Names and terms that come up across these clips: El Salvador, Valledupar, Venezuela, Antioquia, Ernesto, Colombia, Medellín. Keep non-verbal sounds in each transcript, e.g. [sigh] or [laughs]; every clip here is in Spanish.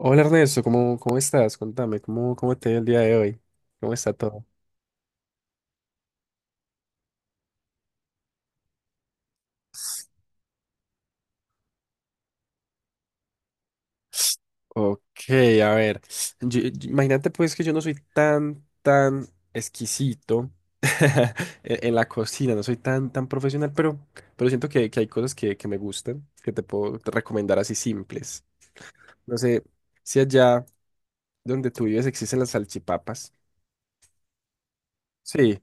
Hola Ernesto, ¿cómo estás? Contame, ¿cómo te ha el día de hoy? ¿Cómo está todo? Ok, a ver, imagínate pues que yo no soy tan exquisito [laughs] en la cocina, no soy tan profesional, pero siento que hay cosas que me gustan, que te puedo recomendar así simples. No sé si allá donde tú vives existen las salchipapas. Sí.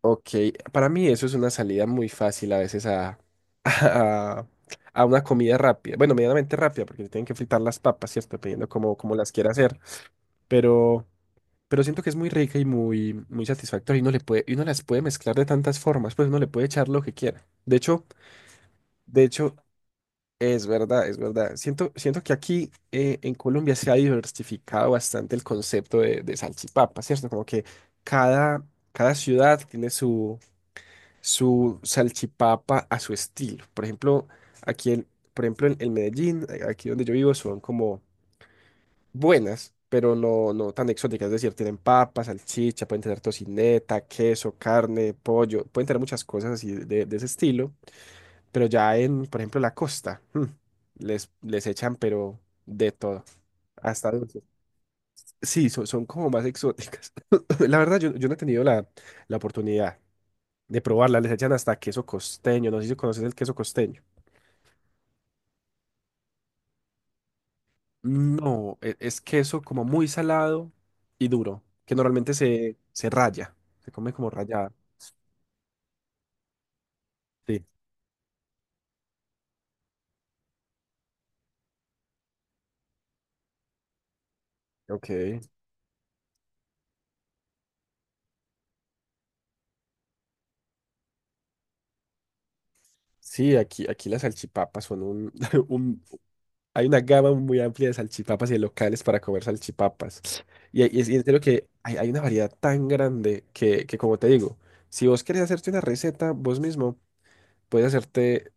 Ok, para mí eso es una salida muy fácil a veces [laughs] a, a una comida rápida. Bueno, medianamente rápida, porque le tienen que fritar las papas, ¿cierto? Dependiendo cómo las quiera hacer. Pero, pero siento que es muy rica y muy, muy satisfactoria. Y y uno las puede mezclar de tantas formas, pues uno le puede echar lo que quiera. De hecho, es verdad, es verdad. Siento que aquí en Colombia se ha diversificado bastante el concepto de salchipapa, ¿cierto? Como que cada, cada ciudad tiene su salchipapa a su estilo. Por ejemplo, aquí en, por ejemplo, en Medellín, aquí donde yo vivo, son como buenas, pero no, no tan exóticas. Es decir, tienen papas, salchicha, pueden tener tocineta, queso, carne, pollo, pueden tener muchas cosas así de ese estilo. Pero ya por ejemplo, la costa, [laughs] les echan, pero de todo, hasta dulces. Sí, son como más exóticas. [laughs] La verdad, yo no he tenido la oportunidad de probarla, les echan hasta queso costeño, no sé si conoces el queso costeño. No, es queso como muy salado y duro, que normalmente se raya, se come como rallada. Sí, ok. Sí, aquí las salchipapas. [laughs] Un- Hay una gama muy amplia de salchipapas y de locales para comer salchipapas. Y en lo que hay una variedad tan grande que, como te digo, si vos querés hacerte una receta vos mismo, puedes hacerte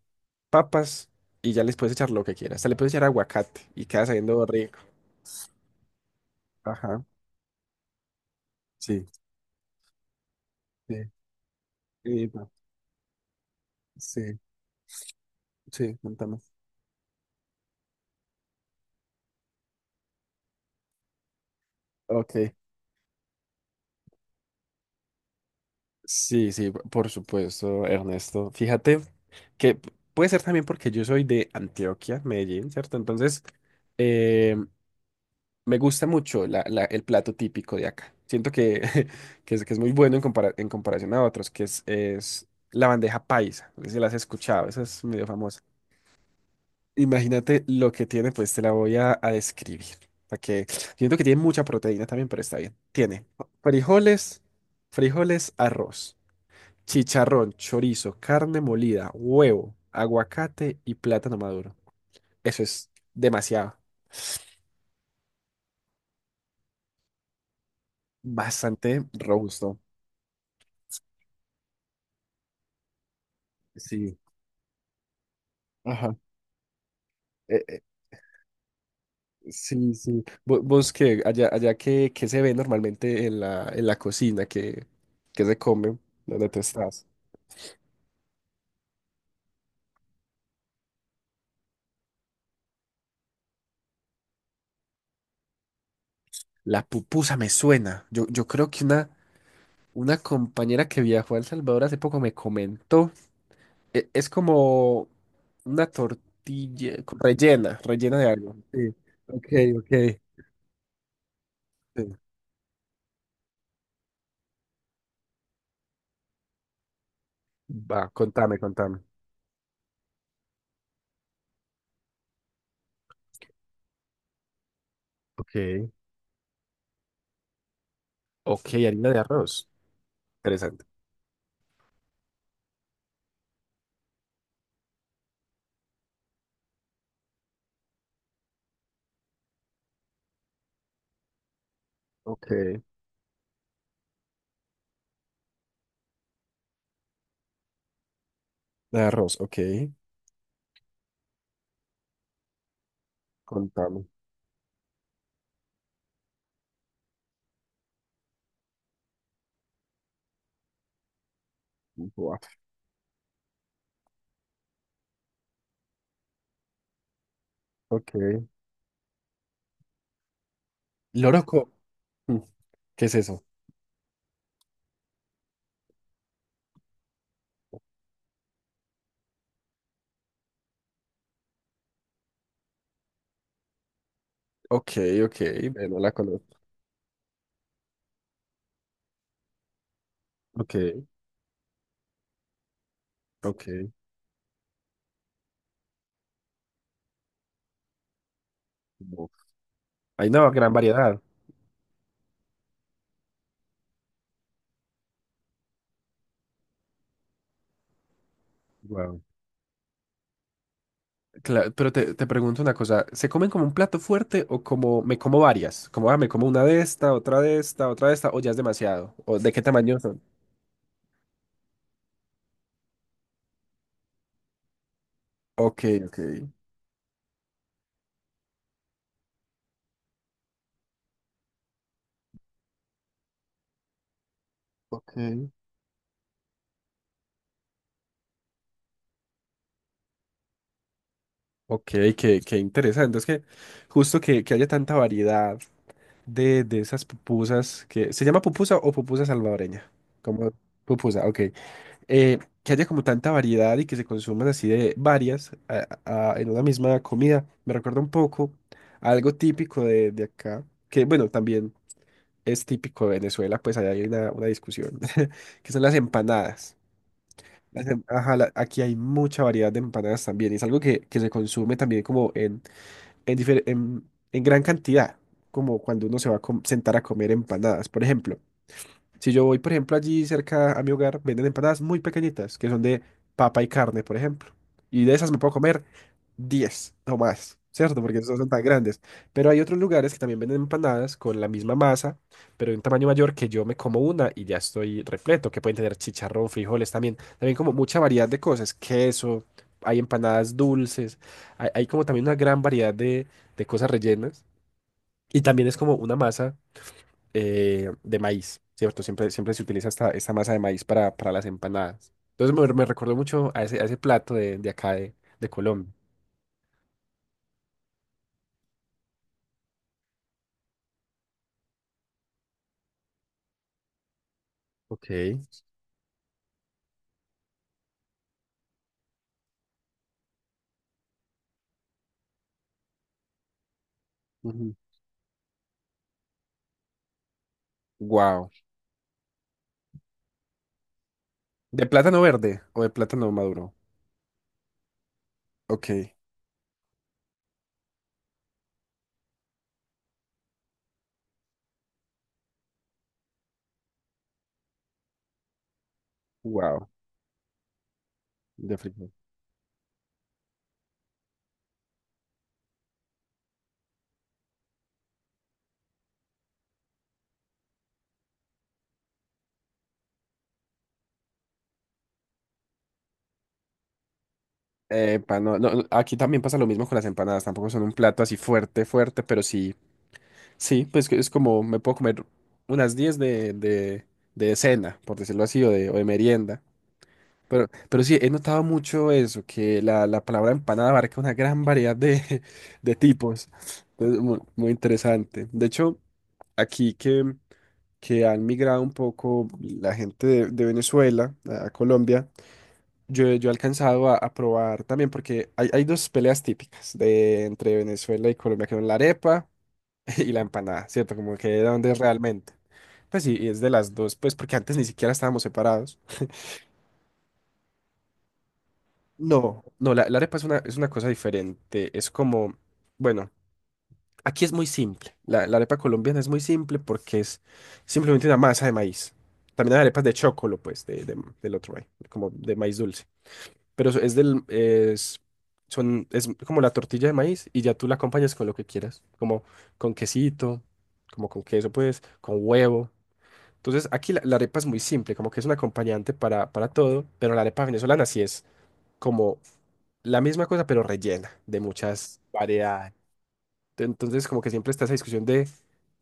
papas y ya les puedes echar lo que quieras. Hasta le puedes echar aguacate y queda sabiendo rico. Ajá, sí, sí, sí, no, sí, sí, contame. Ok, sí, sí, por supuesto, Ernesto. Fíjate que puede ser también porque yo soy de Antioquia, Medellín, ¿cierto? Entonces, eh, me gusta mucho el plato típico de acá. Siento [laughs] que es muy bueno en comparación a otros, es la bandeja paisa. No sé si la has escuchado, esa es medio famosa. Imagínate lo que tiene, pues te la voy a describir. Para que siento que tiene mucha proteína también, pero está bien. Tiene frijoles, frijoles, arroz, chicharrón, chorizo, carne molida, huevo, aguacate y plátano maduro. Eso es demasiado, bastante robusto. Sí, ajá. Eh, eh, sí, sí. Vos, que allá que, se ve normalmente en la cocina, que se come, donde tú estás. La pupusa me suena. Yo creo que una compañera que viajó a El Salvador hace poco me comentó. Es como una tortilla rellena de algo. Sí. Ok, ok. Sí. Va, contame, contame. Ok. Ok, harina de arroz. Interesante. Ok. De arroz, ok. Contame. Buah, ok. Loroco. Mm, ¿Qué es eso? Ok, ok. No la conozco. Ok, ok. Uf, hay una gran variedad. Claro, pero te pregunto una cosa, ¿se comen como un plato fuerte o como me como varias? Como ah, me como una de esta, otra de esta, otra de esta, o ya es demasiado, o de qué tamaño son. Ok, ok, ok. Ok, qué interesante. Es que justo que haya tanta variedad de esas pupusas que. ¿Se llama pupusa o pupusa salvadoreña? Como pupusa, ok. Que haya como tanta variedad y que se consuman así de varias en una misma comida, me recuerda un poco a algo típico de acá, que bueno, también es típico de Venezuela, pues ahí hay una discusión, [laughs] que son las empanadas. Ajá, aquí hay mucha variedad de empanadas también, y es algo que se consume también como en gran cantidad, como cuando uno se va a sentar a comer empanadas, por ejemplo. Si yo voy, por ejemplo, allí cerca a mi hogar, venden empanadas muy pequeñitas, que son de papa y carne, por ejemplo. Y de esas me puedo comer 10 o más, ¿cierto? Porque no son tan grandes. Pero hay otros lugares que también venden empanadas con la misma masa, pero de un tamaño mayor que yo me como una y ya estoy repleto, que pueden tener chicharrón, frijoles también. También como mucha variedad de cosas, queso, hay empanadas dulces, hay como también una gran variedad de cosas rellenas. Y también es como una masa de maíz, ¿cierto? Siempre se utiliza esta masa de maíz para las empanadas. Entonces me recordó mucho a ese plato de acá de Colombia. Ok. Ujú. Wow. ¿De plátano verde o de plátano maduro? Ok. Wow. De frijol. Epa, no, no, no, aquí también pasa lo mismo con las empanadas. Tampoco son un plato así fuerte, fuerte, pero sí. Sí, pues que es como me puedo comer unas 10 de cena, por decirlo así, o de merienda. Pero sí, he notado mucho eso, que la palabra empanada abarca una gran variedad [laughs] de tipos. Entonces, muy, interesante. De hecho, aquí que han migrado un poco la gente de Venezuela a Colombia, yo he alcanzado a probar también, porque hay dos peleas típicas entre Venezuela y Colombia, que son la arepa [laughs] y la empanada, ¿cierto? Como que de dónde es realmente. Pues sí, y es de las dos, pues porque antes ni siquiera estábamos separados. No, no, la arepa es una cosa diferente. Es como, bueno, aquí es muy simple. La arepa colombiana es muy simple porque es simplemente una masa de maíz. También hay arepas de chocolo, pues, del otro maíz, como de maíz dulce. Pero es del, es, son, es como la tortilla de maíz y ya tú la acompañas con lo que quieras, como con quesito, como con queso, pues, con huevo. Entonces, aquí la arepa es muy simple, como que es un acompañante para todo, pero la arepa venezolana sí es como la misma cosa, pero rellena de muchas variedades. Entonces, como que siempre está esa discusión de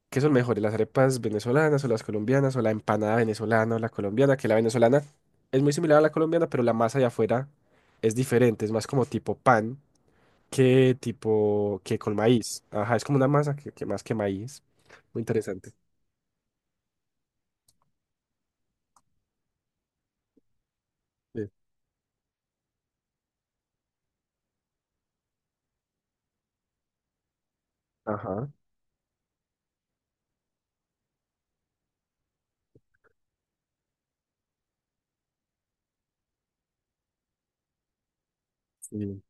qué son mejores, las arepas venezolanas o las colombianas, o la empanada venezolana o la colombiana, que la venezolana es muy similar a la colombiana, pero la masa de afuera es diferente, es más como tipo pan que tipo que con maíz. Ajá, es como una masa que más que maíz. Muy interesante. Sí. Ajá, sí.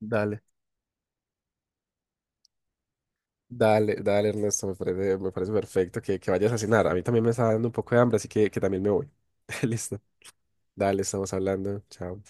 Dale. Dale, dale, Ernesto, me parece perfecto que vayas a cenar. A mí también me está dando un poco de hambre, así que también me voy. [laughs] Listo. Dale, estamos hablando. Chao.